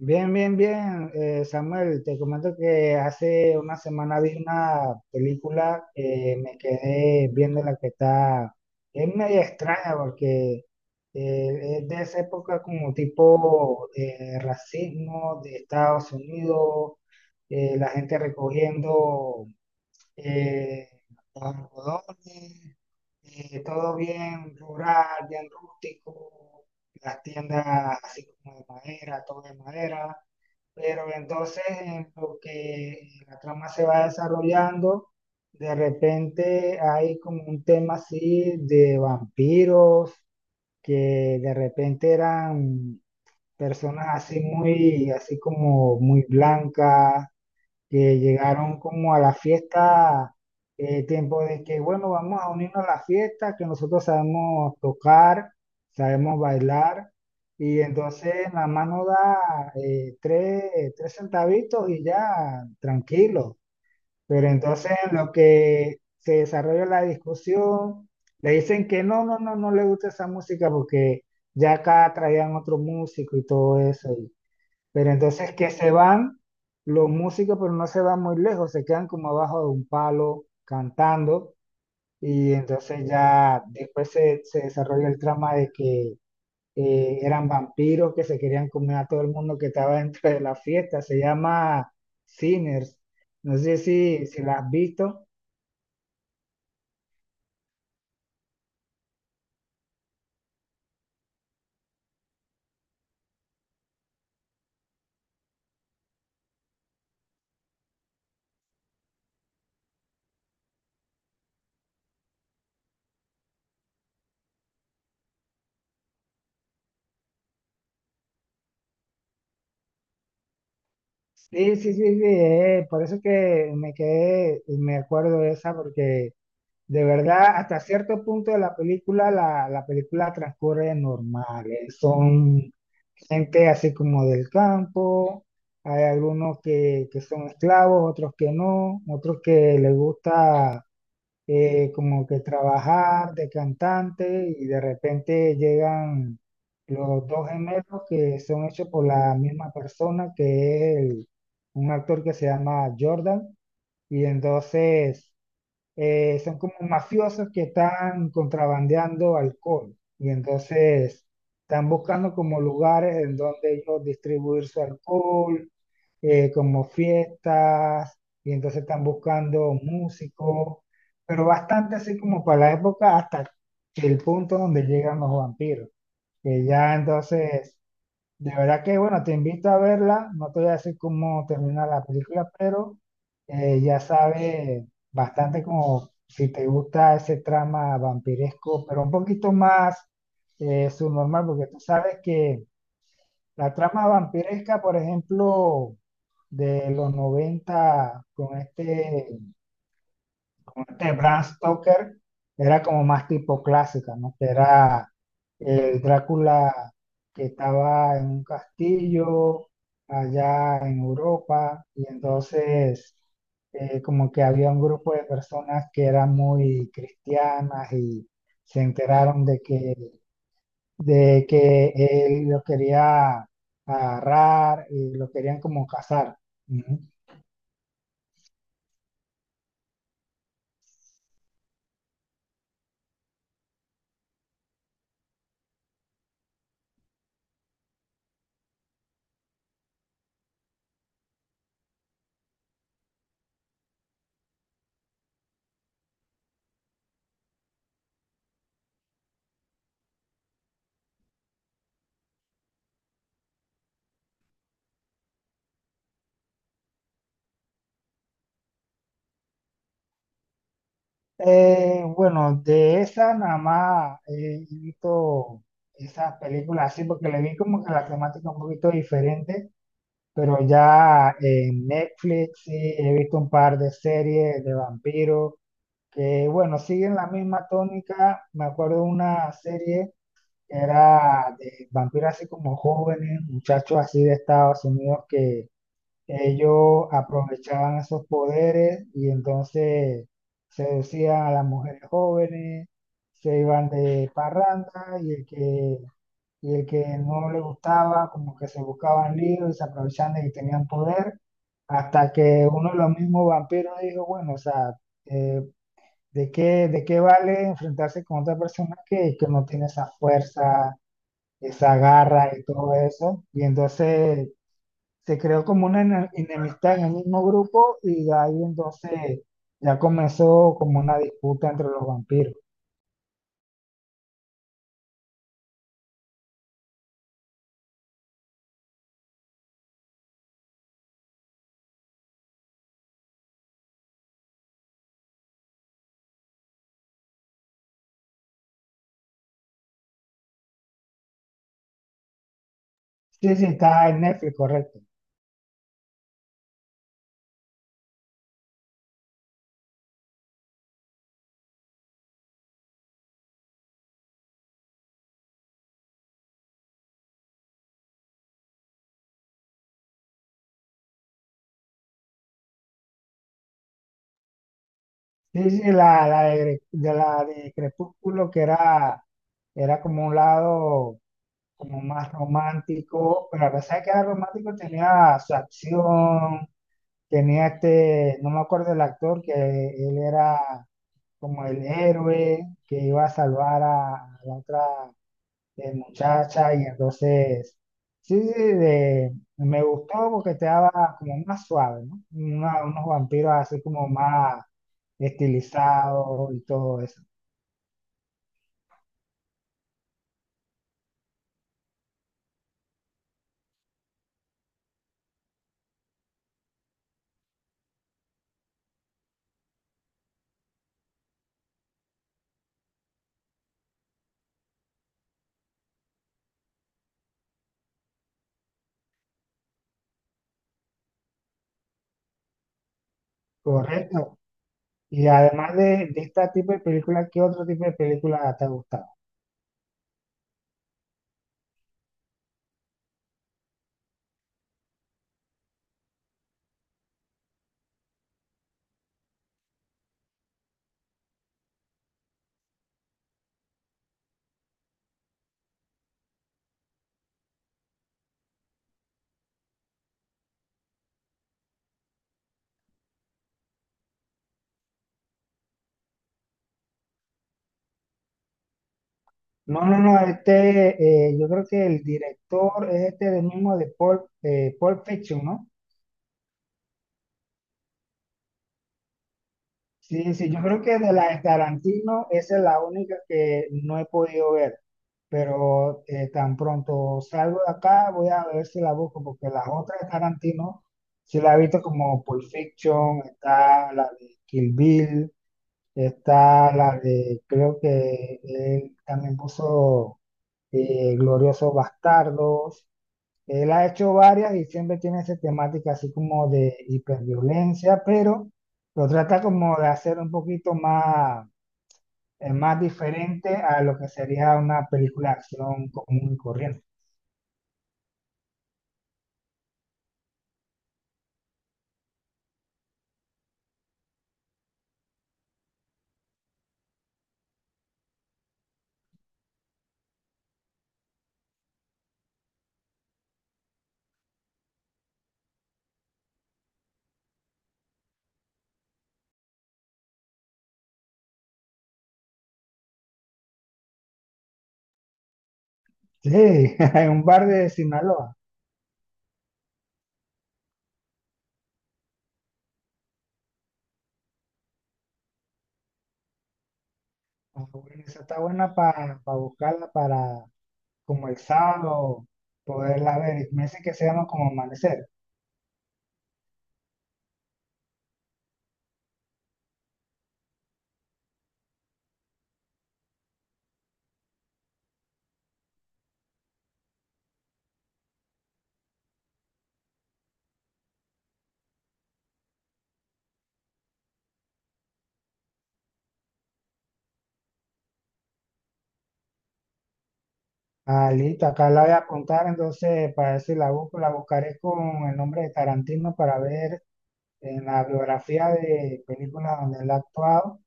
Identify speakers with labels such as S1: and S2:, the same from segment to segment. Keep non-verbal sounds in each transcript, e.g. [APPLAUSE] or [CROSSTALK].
S1: Bien, bien, bien, Samuel, te comento que hace una semana vi una película que me quedé viendo la que está, es media extraña porque es de esa época como tipo racismo de Estados Unidos, la gente recogiendo eh, los algodones, todo bien rural, bien rústico, las tiendas así como de madera, todo de madera. Pero entonces, en lo que la trama se va desarrollando, de repente hay como un tema así de vampiros, que de repente eran personas así muy, así como muy blancas, que llegaron como a la fiesta, tiempo de que, bueno, vamos a unirnos a la fiesta, que nosotros sabemos tocar, sabemos bailar, y entonces la mano da tres, tres centavitos y ya, tranquilo. Pero entonces en lo que se desarrolla la discusión, le dicen que no, no, no, no le gusta esa música porque ya acá traían otro músico y todo eso. Pero entonces que se van los músicos, pero no se van muy lejos, se quedan como abajo de un palo cantando y entonces ya después se desarrolla el trama de que eran vampiros que se querían comer a todo el mundo que estaba dentro de la fiesta. Se llama Sinners. No sé si la has visto. Sí, sí, sí, sí. Por eso que me quedé, me acuerdo de esa porque de verdad, hasta cierto punto de la película, la película transcurre normal. Son gente así como del campo, hay algunos que son esclavos, otros que no, otros que les gusta como que trabajar de cantante y de repente llegan los dos gemelos que son hechos por la misma persona, que es un actor que se llama Jordan, y entonces son como mafiosos que están contrabandeando alcohol y entonces están buscando como lugares en donde ellos distribuir su alcohol, como fiestas, y entonces están buscando músicos, pero bastante así como para la época hasta el punto donde llegan los vampiros, que ya entonces de verdad que, bueno, te invito a verla. No te voy a decir cómo termina la película, pero ya sabes bastante como si te gusta ese trama vampiresco, pero un poquito más subnormal, porque tú sabes que la trama vampiresca, por ejemplo, de los 90 con este como este Bram Stoker era como más tipo clásica, ¿no? Que era el Drácula que estaba en un castillo allá en Europa y entonces como que había un grupo de personas que eran muy cristianas y se enteraron de que él lo quería agarrar y lo querían como cazar. Ujú. Bueno, de esa nada más he visto esas películas así, porque le vi como que la temática un poquito diferente, pero ya en Netflix sí he visto un par de series de vampiros que, bueno, siguen la misma tónica. Me acuerdo una serie que era de vampiros así como jóvenes, muchachos así de Estados Unidos que ellos aprovechaban esos poderes y entonces seducían a las mujeres jóvenes, se iban de parranda y el que no le gustaba, como que se buscaban líos y se aprovechaban de que tenían poder, hasta que uno de los mismos vampiros dijo, bueno, o sea, eh, de qué vale enfrentarse con otra persona que no tiene esa fuerza, esa garra y todo eso? Y entonces se creó como una enemistad en el mismo grupo y ahí entonces ya comenzó como una disputa entre los vampiros. Sí, sí, está en Netflix, correcto. Sí, sí, la de, de la de Crepúsculo que era, era como un lado como más romántico, pero a pesar de que era romántico tenía su acción, tenía este, no me acuerdo el actor, que él era como el héroe que iba a salvar a la otra de muchacha y entonces, sí, sí, me gustó porque te daba como más suave, ¿no? Unos vampiros así como más estilizados y todo eso, correcto. Y además de este tipo de película, ¿qué otro tipo de película te ha gustado? No, no, no, este, yo creo que el director es este del mismo de Paul, Pulp Fiction, ¿no? Sí, sí, yo creo que de la de Tarantino esa es la única que no he podido ver, pero tan pronto salgo de acá voy a ver si la busco, porque las otras de Tarantino sí la he visto como Pulp Fiction, está la de Kill Bill, está la de, creo que él también puso Gloriosos Bastardos, él ha hecho varias y siempre tiene esa temática así como de hiperviolencia, pero lo trata como de hacer un poquito más, más diferente a lo que sería una película de acción común y corriente. Sí, [LAUGHS] en un bar de Sinaloa. Ah, bueno, esa está buena para buscarla para como el sábado poderla ver. Y me dice que se llama como Amanecer. Ah, listo, acá la voy a apuntar, entonces para ver si la busco, la buscaré con el nombre de Tarantino para ver en la biografía de películas donde él ha actuado.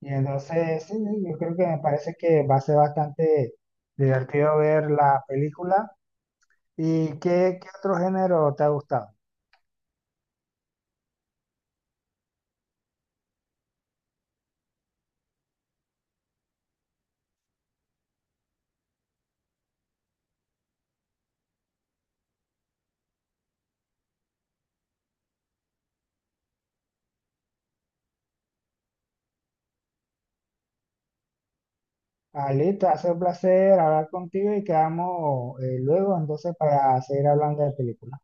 S1: Y entonces, sí, sí, yo creo que me parece que va a ser bastante divertido ver la película. ¿Y qué, qué otro género te ha gustado? Ah, listo, ha sido un placer hablar contigo y quedamos luego entonces para seguir hablando de películas.